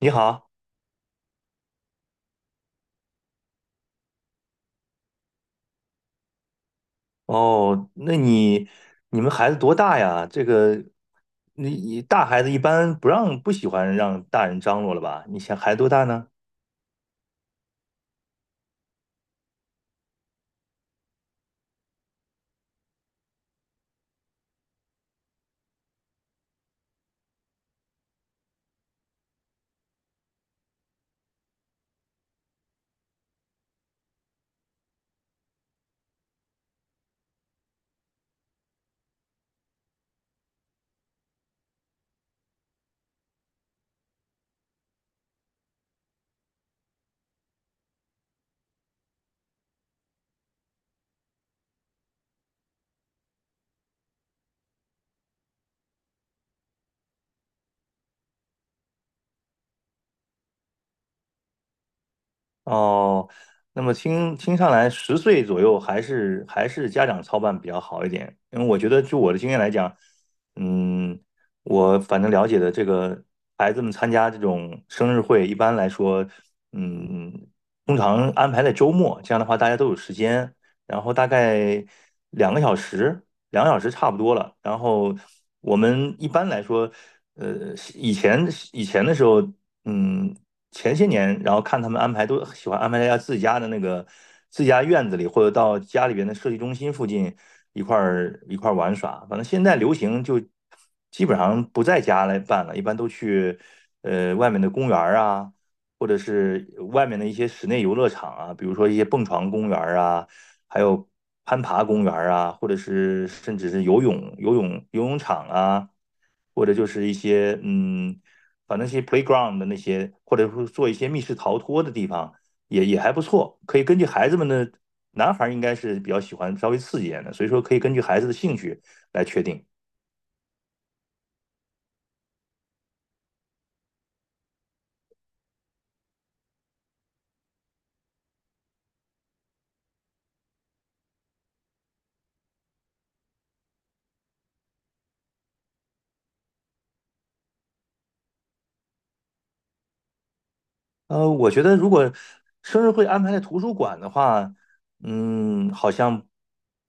你好。哦，那你们孩子多大呀？这个，你大孩子一般不喜欢让大人张罗了吧？你想孩子多大呢？哦，那么听上来，10岁左右还是家长操办比较好一点，因为我觉得就我的经验来讲。嗯，我反正了解的这个孩子们参加这种生日会，一般来说，嗯，通常安排在周末，这样的话大家都有时间，然后大概两个小时，两个小时差不多了。然后我们一般来说，呃，以前以前的时候。嗯。前些年，然后看他们安排都喜欢安排在家自己家的那个自己家院子里，或者到家里边的设计中心附近一块儿玩耍。反正现在流行就基本上不在家来办了，一般都去外面的公园儿啊，或者是外面的一些室内游乐场啊，比如说一些蹦床公园儿啊，还有攀爬公园啊，或者是甚至是游泳场啊，或者就是一些嗯，把那些 playground 的那些，或者说做一些密室逃脱的地方，也还不错，可以根据孩子们的，男孩儿应该是比较喜欢稍微刺激一点的，所以说可以根据孩子的兴趣来确定。我觉得如果生日会安排在图书馆的话，好像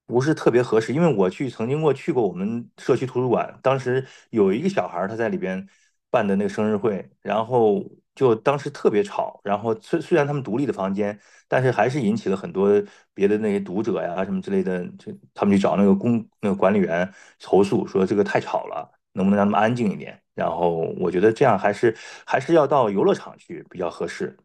不是特别合适，因为曾经过去过我们社区图书馆，当时有一个小孩儿他在里边办的那个生日会，然后就当时特别吵，然后虽然他们独立的房间，但是还是引起了很多别的那些读者呀什么之类的，就他们去找那个管理员投诉说这个太吵了。能不能让他们安静一点？然后我觉得这样还是要到游乐场去比较合适。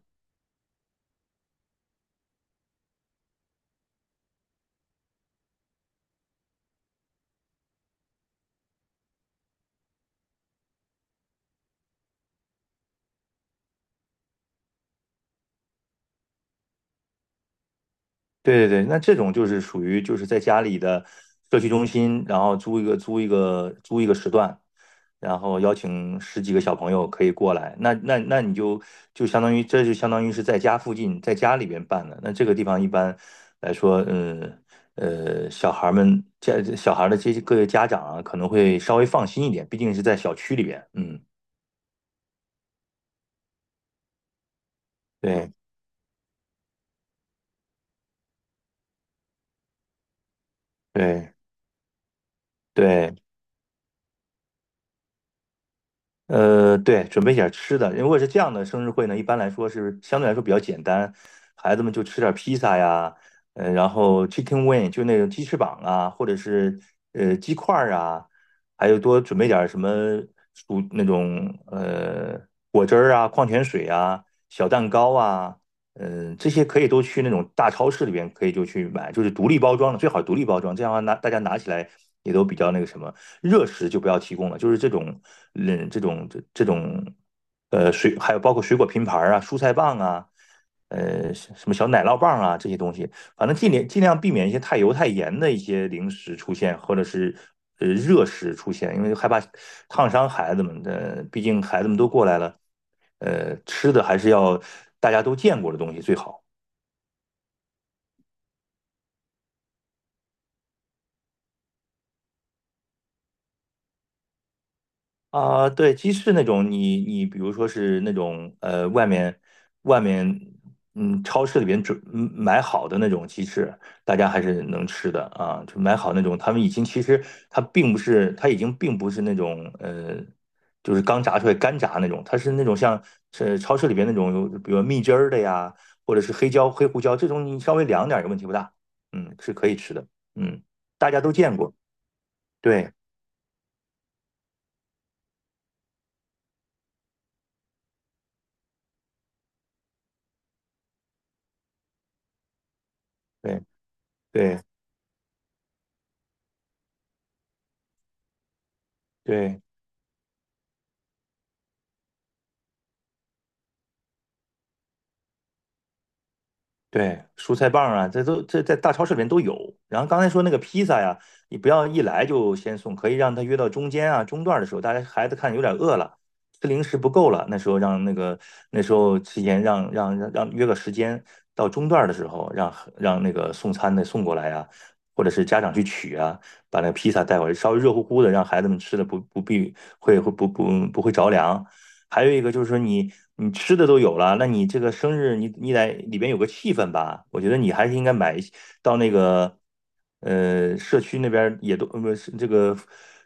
对对对，那这种就是属于就是在家里的社区中心，然后租一个时段，然后邀请十几个小朋友可以过来。那你就相当于是在家附近，在家里边办的。那这个地方一般来说，小孩的这些各位家长啊，可能会稍微放心一点，毕竟是在小区里边。嗯，对对。对，对，准备点儿吃的。如果是这样的生日会呢，一般来说是相对来说比较简单，孩子们就吃点儿披萨呀，然后 chicken wing 就那种鸡翅膀啊，或者是鸡块儿啊，还有多准备点儿什么薯那种呃果汁儿啊、矿泉水啊、小蛋糕啊。这些可以都去那种大超市里边可以就去买，就是独立包装的，最好独立包装，这样的话大家拿起来也都比较那个什么。热食就不要提供了，就是这种嗯这种这这种呃水，还有包括水果拼盘啊、蔬菜棒啊。什么小奶酪棒啊，这些东西，反正尽量避免一些太油太盐的一些零食出现，或者是热食出现，因为害怕烫伤孩子们的，毕竟孩子们都过来了，吃的还是要大家都见过的东西最好。啊，对，鸡翅那种你比如说是那种外面超市里边买好的那种鸡翅，大家还是能吃的啊。就买好那种，他们已经其实它已经并不是那种就是刚炸出来干炸那种，它是那种像是超市里边那种有，比如蜜汁儿的呀，或者是黑胡椒这种，你稍微凉点儿也问题不大。嗯，是可以吃的。嗯，大家都见过。对对对。对对，蔬菜棒啊，这在大超市里面都有。然后刚才说那个披萨呀，你不要一来就先送，可以让他约到中间啊、中段的时候，大家孩子看有点饿了，吃零食不够了，那时候让那个那时候提前让让让让约个时间，到中段的时候让那个送餐的送过来啊，或者是家长去取啊，把那个披萨带过来，稍微热乎乎的，让孩子们吃的不不必会会不不不会着凉。还有一个就是说你吃的都有了，那你这个生日你得里边有个气氛吧？我觉得你还是应该买一些到那个社区那边也都不是这个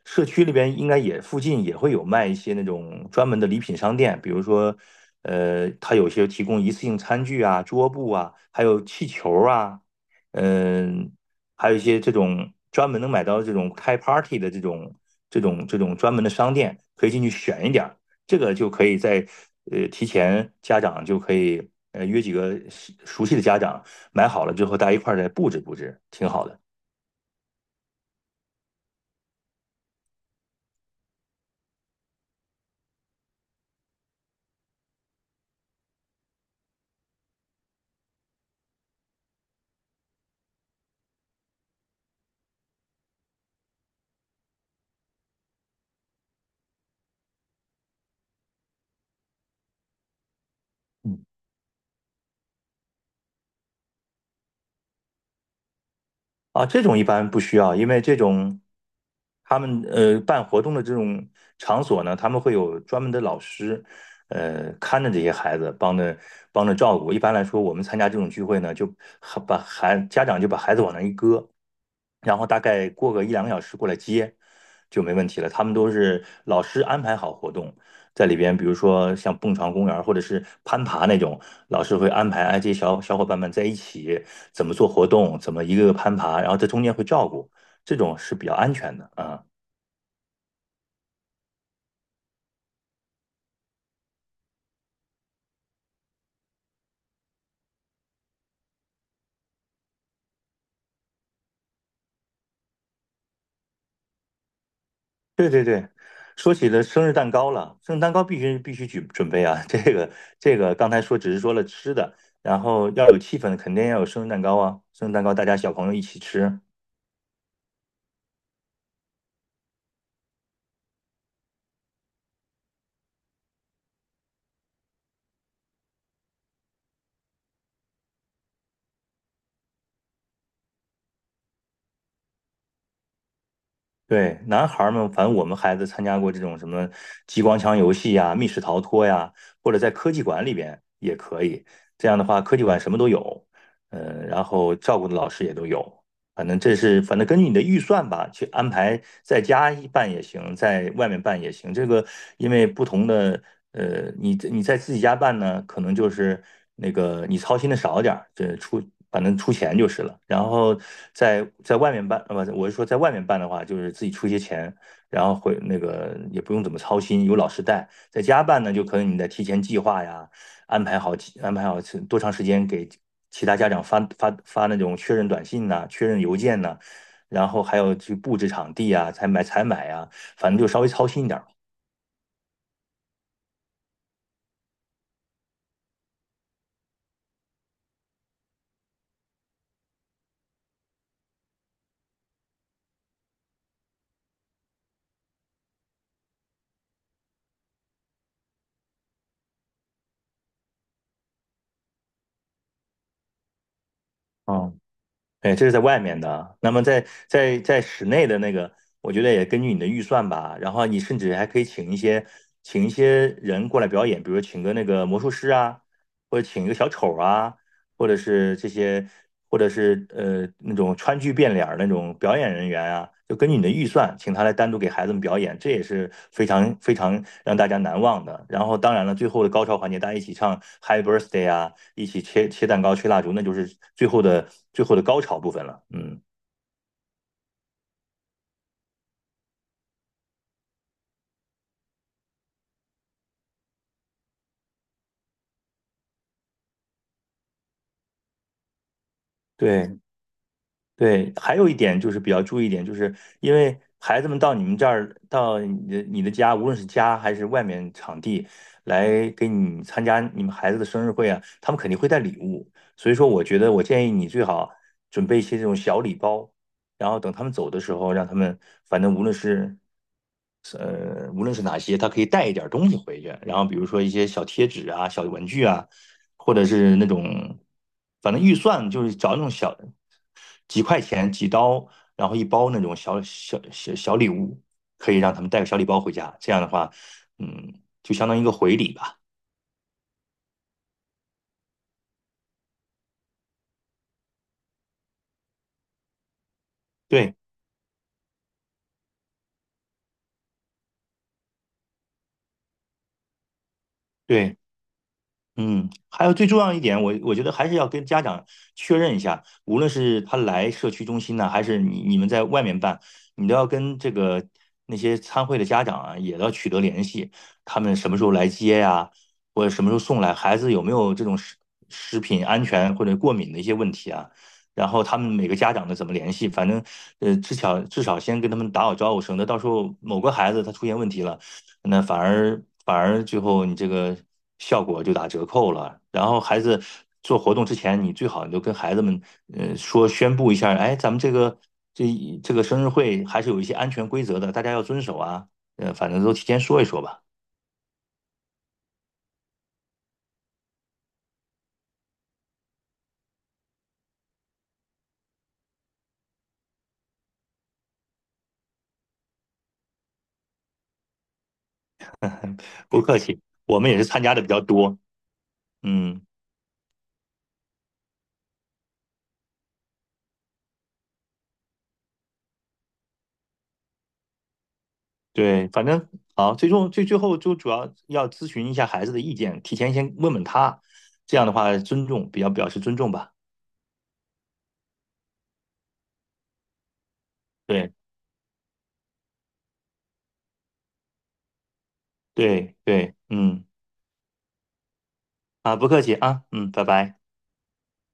社区里边应该也附近也会有卖一些那种专门的礼品商店，比如说它有些提供一次性餐具啊、桌布啊，还有气球啊。嗯、还有一些这种专门能买到这种开 party 的这种专门的商店，可以进去选一点儿。这个就可以在提前，家长就可以约几个熟悉的家长买好了之后，大家一块儿再布置布置，挺好的。啊，这种一般不需要，因为这种他们办活动的这种场所呢，他们会有专门的老师，看着这些孩子，帮着照顾。一般来说，我们参加这种聚会呢，就还家长就把孩子往那一搁，然后大概过个一两个小时过来接就没问题了。他们都是老师安排好活动，在里边，比如说像蹦床公园儿或者是攀爬那种，老师会安排哎这些小伙伴们在一起怎么做活动，怎么一个个攀爬，然后在中间会照顾，这种是比较安全的啊。对对对，说起了生日蛋糕了，生日蛋糕必须准备啊。这个刚才说只是说了吃的，然后要有气氛，肯定要有生日蛋糕啊。生日蛋糕大家小朋友一起吃。对，男孩儿们，反正我们孩子参加过这种什么激光枪游戏呀、密室逃脱呀，或者在科技馆里边也可以。这样的话，科技馆什么都有，然后照顾的老师也都有。反正根据你的预算吧，去安排在家一办也行，在外面办也行。这个因为不同的，你在自己家办呢，可能就是那个你操心的少点儿，反正出钱就是了。然后在外面办，不，我是说在外面办的话，就是自己出一些钱，然后会那个也不用怎么操心，有老师带。在家办呢，就可能你得提前计划呀，安排好安排好是多长时间给其他家长发那种确认短信呐、确认邮件呐、然后还有去布置场地啊，采买采买啊，反正就稍微操心一点儿吧。嗯，哎，这是在外面的啊。那么在室内的那个，我觉得也根据你的预算吧。然后你甚至还可以请一些人过来表演，比如请个那个魔术师啊，或者请一个小丑啊，或者是这些，或者是那种川剧变脸儿那种表演人员啊，就根据你的预算，请他来单独给孩子们表演，这也是非常非常让大家难忘的。然后当然了，最后的高潮环节，大家一起唱 Happy Birthday 啊，一起切切蛋糕、吹蜡烛，那就是最后的最后的高潮部分了。嗯，对。对，还有一点就是比较注意一点，就是因为孩子们到你们这儿，到你的家，无论是家还是外面场地，来给你参加你们孩子的生日会啊，他们肯定会带礼物。所以说，我觉得我建议你最好准备一些这种小礼包，然后等他们走的时候，让他们反正无论是呃无论是哪些，他可以带一点东西回去，然后比如说一些小贴纸啊、小文具啊，或者是那种，反正预算就是找那种小几块钱几刀，然后一包那种小礼物，可以让他们带个小礼包回家。这样的话，嗯，就相当于一个回礼吧。对对。嗯，还有最重要一点，我觉得还是要跟家长确认一下，无论是他来社区中心呢，还是你们在外面办，你都要跟这个那些参会的家长啊，也要取得联系，他们什么时候来接呀，或者什么时候送来，孩子有没有这种食品安全或者过敏的一些问题啊？然后他们每个家长的怎么联系，反正，至少先跟他们打好招呼，省得到时候某个孩子他出现问题了。那反而最后你这个效果就打折扣了。然后孩子做活动之前，你最好就跟孩子们宣布一下。哎，咱们这这个生日会还是有一些安全规则的，大家要遵守啊。反正都提前说一说吧。不客气。我们也是参加的比较多。嗯，对，反正好，最终最最后就主要要咨询一下孩子的意见，提前先问问他，这样的话比较表示尊重吧。对对对。嗯。啊，不客气啊。嗯，拜拜。